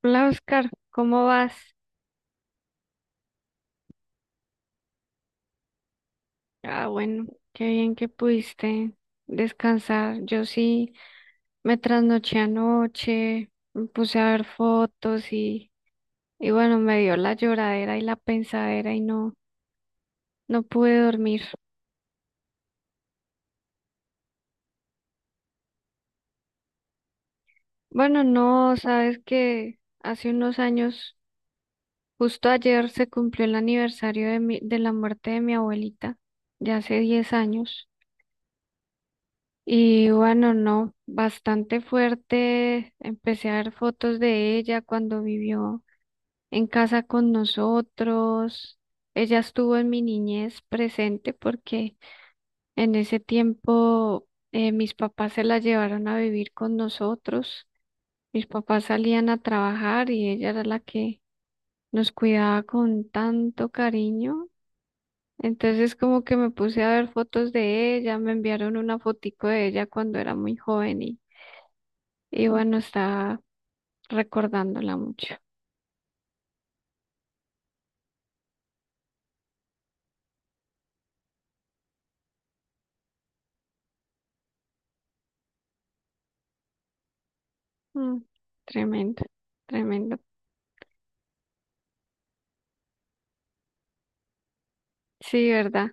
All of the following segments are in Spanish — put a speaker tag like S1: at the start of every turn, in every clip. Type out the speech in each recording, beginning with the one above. S1: Hola Oscar, ¿cómo vas? Ah, bueno, qué bien que pudiste descansar. Yo sí me trasnoché anoche, me puse a ver fotos y bueno, me dio la lloradera y la pensadera y no, no pude dormir. Bueno, no, sabes que hace unos años, justo ayer se cumplió el aniversario de mi, de la muerte de mi abuelita, ya hace 10 años. Y bueno, no, bastante fuerte. Empecé a ver fotos de ella cuando vivió en casa con nosotros. Ella estuvo en mi niñez presente porque en ese tiempo mis papás se la llevaron a vivir con nosotros. Mis papás salían a trabajar y ella era la que nos cuidaba con tanto cariño. Entonces como que me puse a ver fotos de ella, me enviaron una fotico de ella cuando era muy joven. Y bueno, está recordándola mucho. Mm, tremendo, tremendo. Sí, ¿verdad?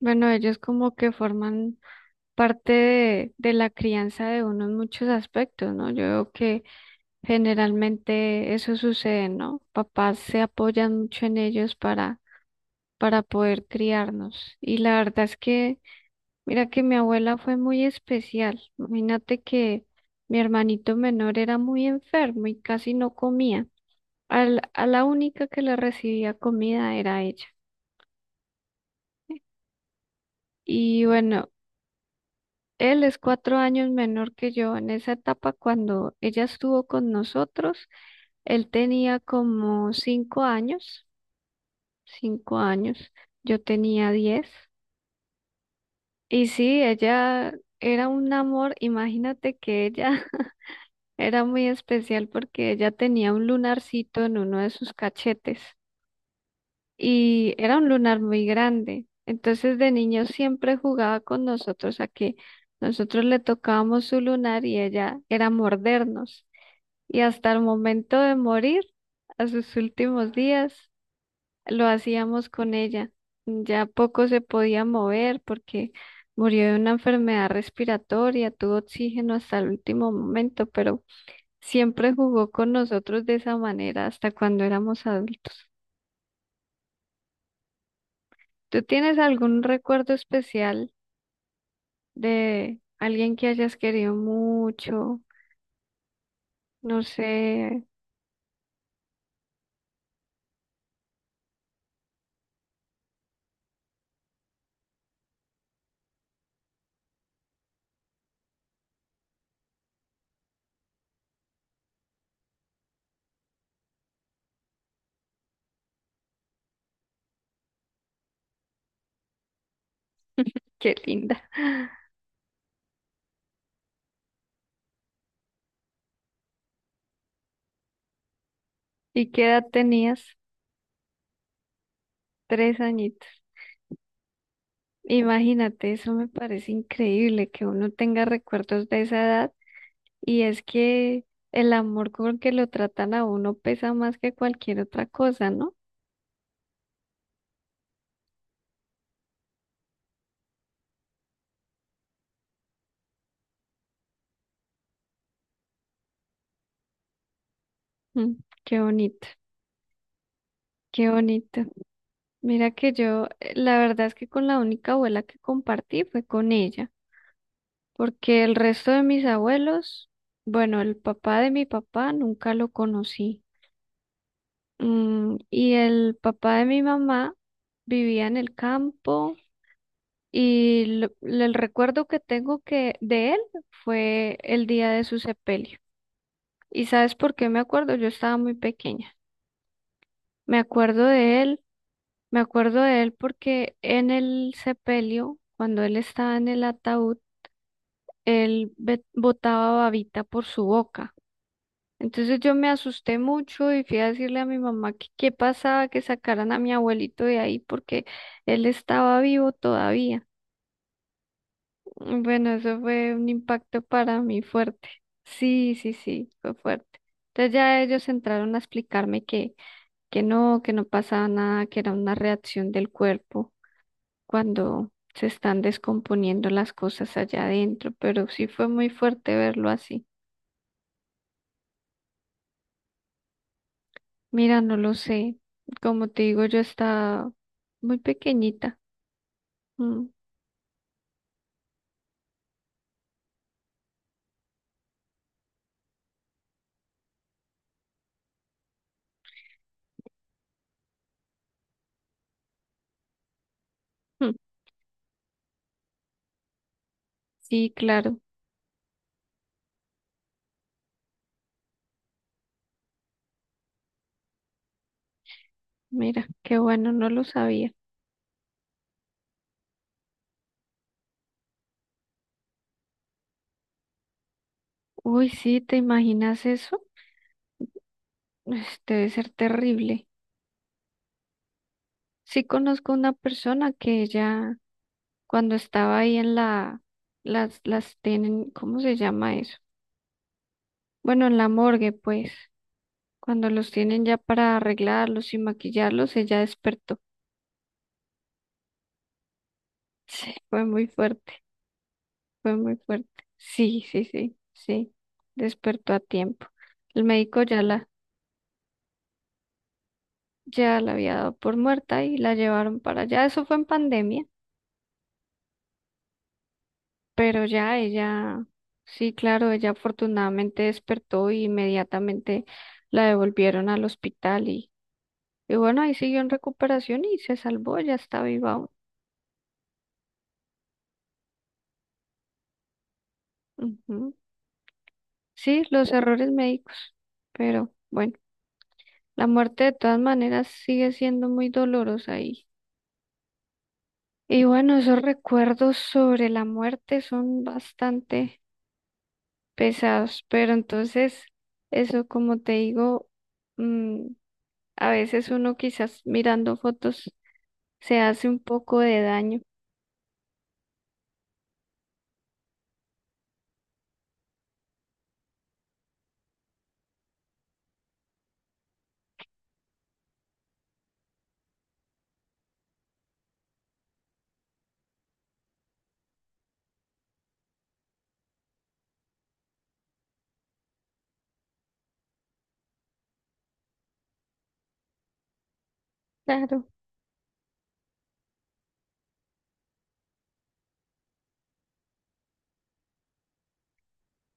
S1: Bueno, ellos como que forman parte de la crianza de uno en muchos aspectos, ¿no? Yo veo que generalmente eso sucede, ¿no? Papás se apoyan mucho en ellos para poder criarnos. Y la verdad es que, mira que mi abuela fue muy especial. Imagínate que mi hermanito menor era muy enfermo y casi no comía. A la única que le recibía comida era ella. Y bueno, él es 4 años menor que yo. En esa etapa, cuando ella estuvo con nosotros, él tenía como 5 años, 5 años, yo tenía 10. Y sí, ella era un amor, imagínate que ella era muy especial porque ella tenía un lunarcito en uno de sus cachetes. Y era un lunar muy grande. Entonces de niño siempre jugaba con nosotros a que nosotros le tocábamos su lunar y ella era mordernos. Y hasta el momento de morir, a sus últimos días, lo hacíamos con ella. Ya poco se podía mover porque murió de una enfermedad respiratoria, tuvo oxígeno hasta el último momento, pero siempre jugó con nosotros de esa manera hasta cuando éramos adultos. ¿Tú tienes algún recuerdo especial de alguien que hayas querido mucho, no sé, qué linda? ¿Y qué edad tenías? Tres añitos. Imagínate, eso me parece increíble que uno tenga recuerdos de esa edad, y es que el amor con que lo tratan a uno pesa más que cualquier otra cosa, ¿no? Mm, qué bonito, qué bonito. Mira que yo, la verdad es que con la única abuela que compartí fue con ella, porque el resto de mis abuelos, bueno, el papá de mi papá nunca lo conocí. Mm, y el papá de mi mamá vivía en el campo, y el recuerdo que tengo que de él fue el día de su sepelio. ¿Y sabes por qué me acuerdo? Yo estaba muy pequeña. Me acuerdo de él, me acuerdo de él porque en el sepelio, cuando él estaba en el ataúd, él botaba babita por su boca. Entonces yo me asusté mucho y fui a decirle a mi mamá que qué pasaba, que sacaran a mi abuelito de ahí porque él estaba vivo todavía. Bueno, eso fue un impacto para mí fuerte. Sí, sí, sí, fue fuerte. Entonces ya ellos entraron a explicarme que no pasaba nada, que era una reacción del cuerpo cuando se están descomponiendo las cosas allá adentro, pero sí fue muy fuerte verlo así. Mira, no lo sé. Como te digo, yo estaba muy pequeñita. Mm, mm. Sí, claro. Mira, qué bueno, no lo sabía. Uy, sí, ¿te imaginas eso? Pues, debe ser terrible. Sí conozco una persona que ella, cuando estaba ahí en la, las tienen, ¿cómo se llama eso? Bueno, en la morgue, pues, cuando los tienen ya para arreglarlos y maquillarlos, ella despertó. Sí, fue muy fuerte. Fue muy fuerte. Sí, sí, sí, sí. Despertó a tiempo. El médico ya la, ya la había dado por muerta y la llevaron para allá. Eso fue en pandemia, pero ya ella, sí, claro, ella afortunadamente despertó y inmediatamente la devolvieron al hospital y bueno, ahí siguió en recuperación y se salvó, ya está viva aún. Ujú. Sí, los errores médicos, pero bueno, la muerte de todas maneras sigue siendo muy dolorosa. Y bueno, esos recuerdos sobre la muerte son bastante pesados, pero entonces, eso como te digo, mm, a veces uno quizás mirando fotos se hace un poco de daño. Claro.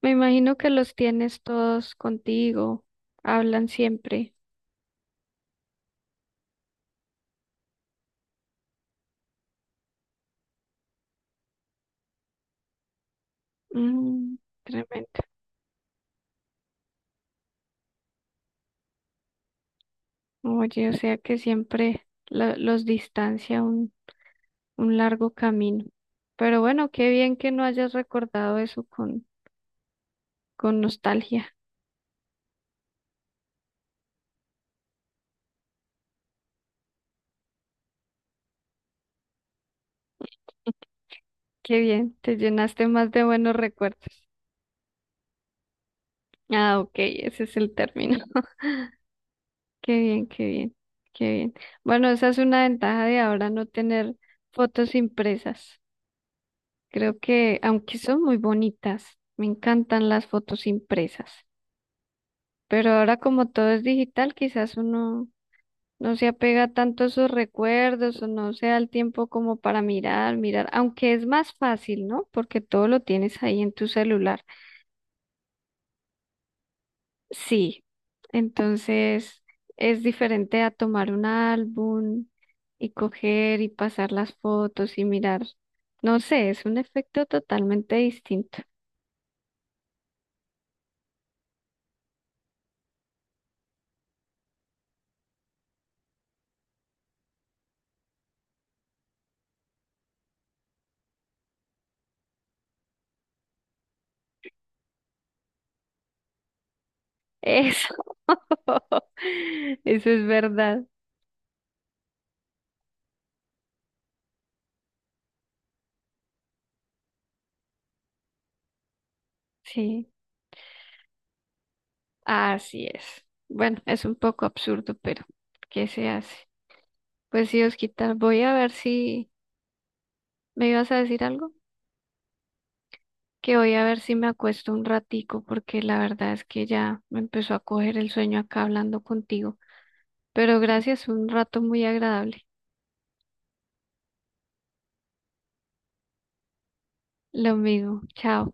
S1: Me imagino que los tienes todos contigo, hablan siempre. Mm, tremendo. Oye, o sea que siempre los distancia un largo camino. Pero bueno, qué bien que no hayas recordado eso con nostalgia. Qué bien, te llenaste más de buenos recuerdos. Ah, ok, ese es el término. Qué bien, qué bien, qué bien. Bueno, esa es una ventaja de ahora no tener fotos impresas. Creo que, aunque son muy bonitas, me encantan las fotos impresas. Pero ahora como todo es digital, quizás uno no se apega tanto a sus recuerdos o no se da el tiempo como para mirar, mirar, aunque es más fácil, ¿no? Porque todo lo tienes ahí en tu celular. Sí, entonces es diferente a tomar un álbum y coger y pasar las fotos y mirar. No sé, es un efecto totalmente distinto. Eso, eso es verdad. Sí, así es. Bueno, es un poco absurdo, pero ¿qué se hace? Pues sí, Osquita, voy a ver si me ibas a decir algo, que voy a ver si me acuesto un ratico, porque la verdad es que ya me empezó a coger el sueño acá hablando contigo. Pero gracias, un rato muy agradable. Lo mismo, chao.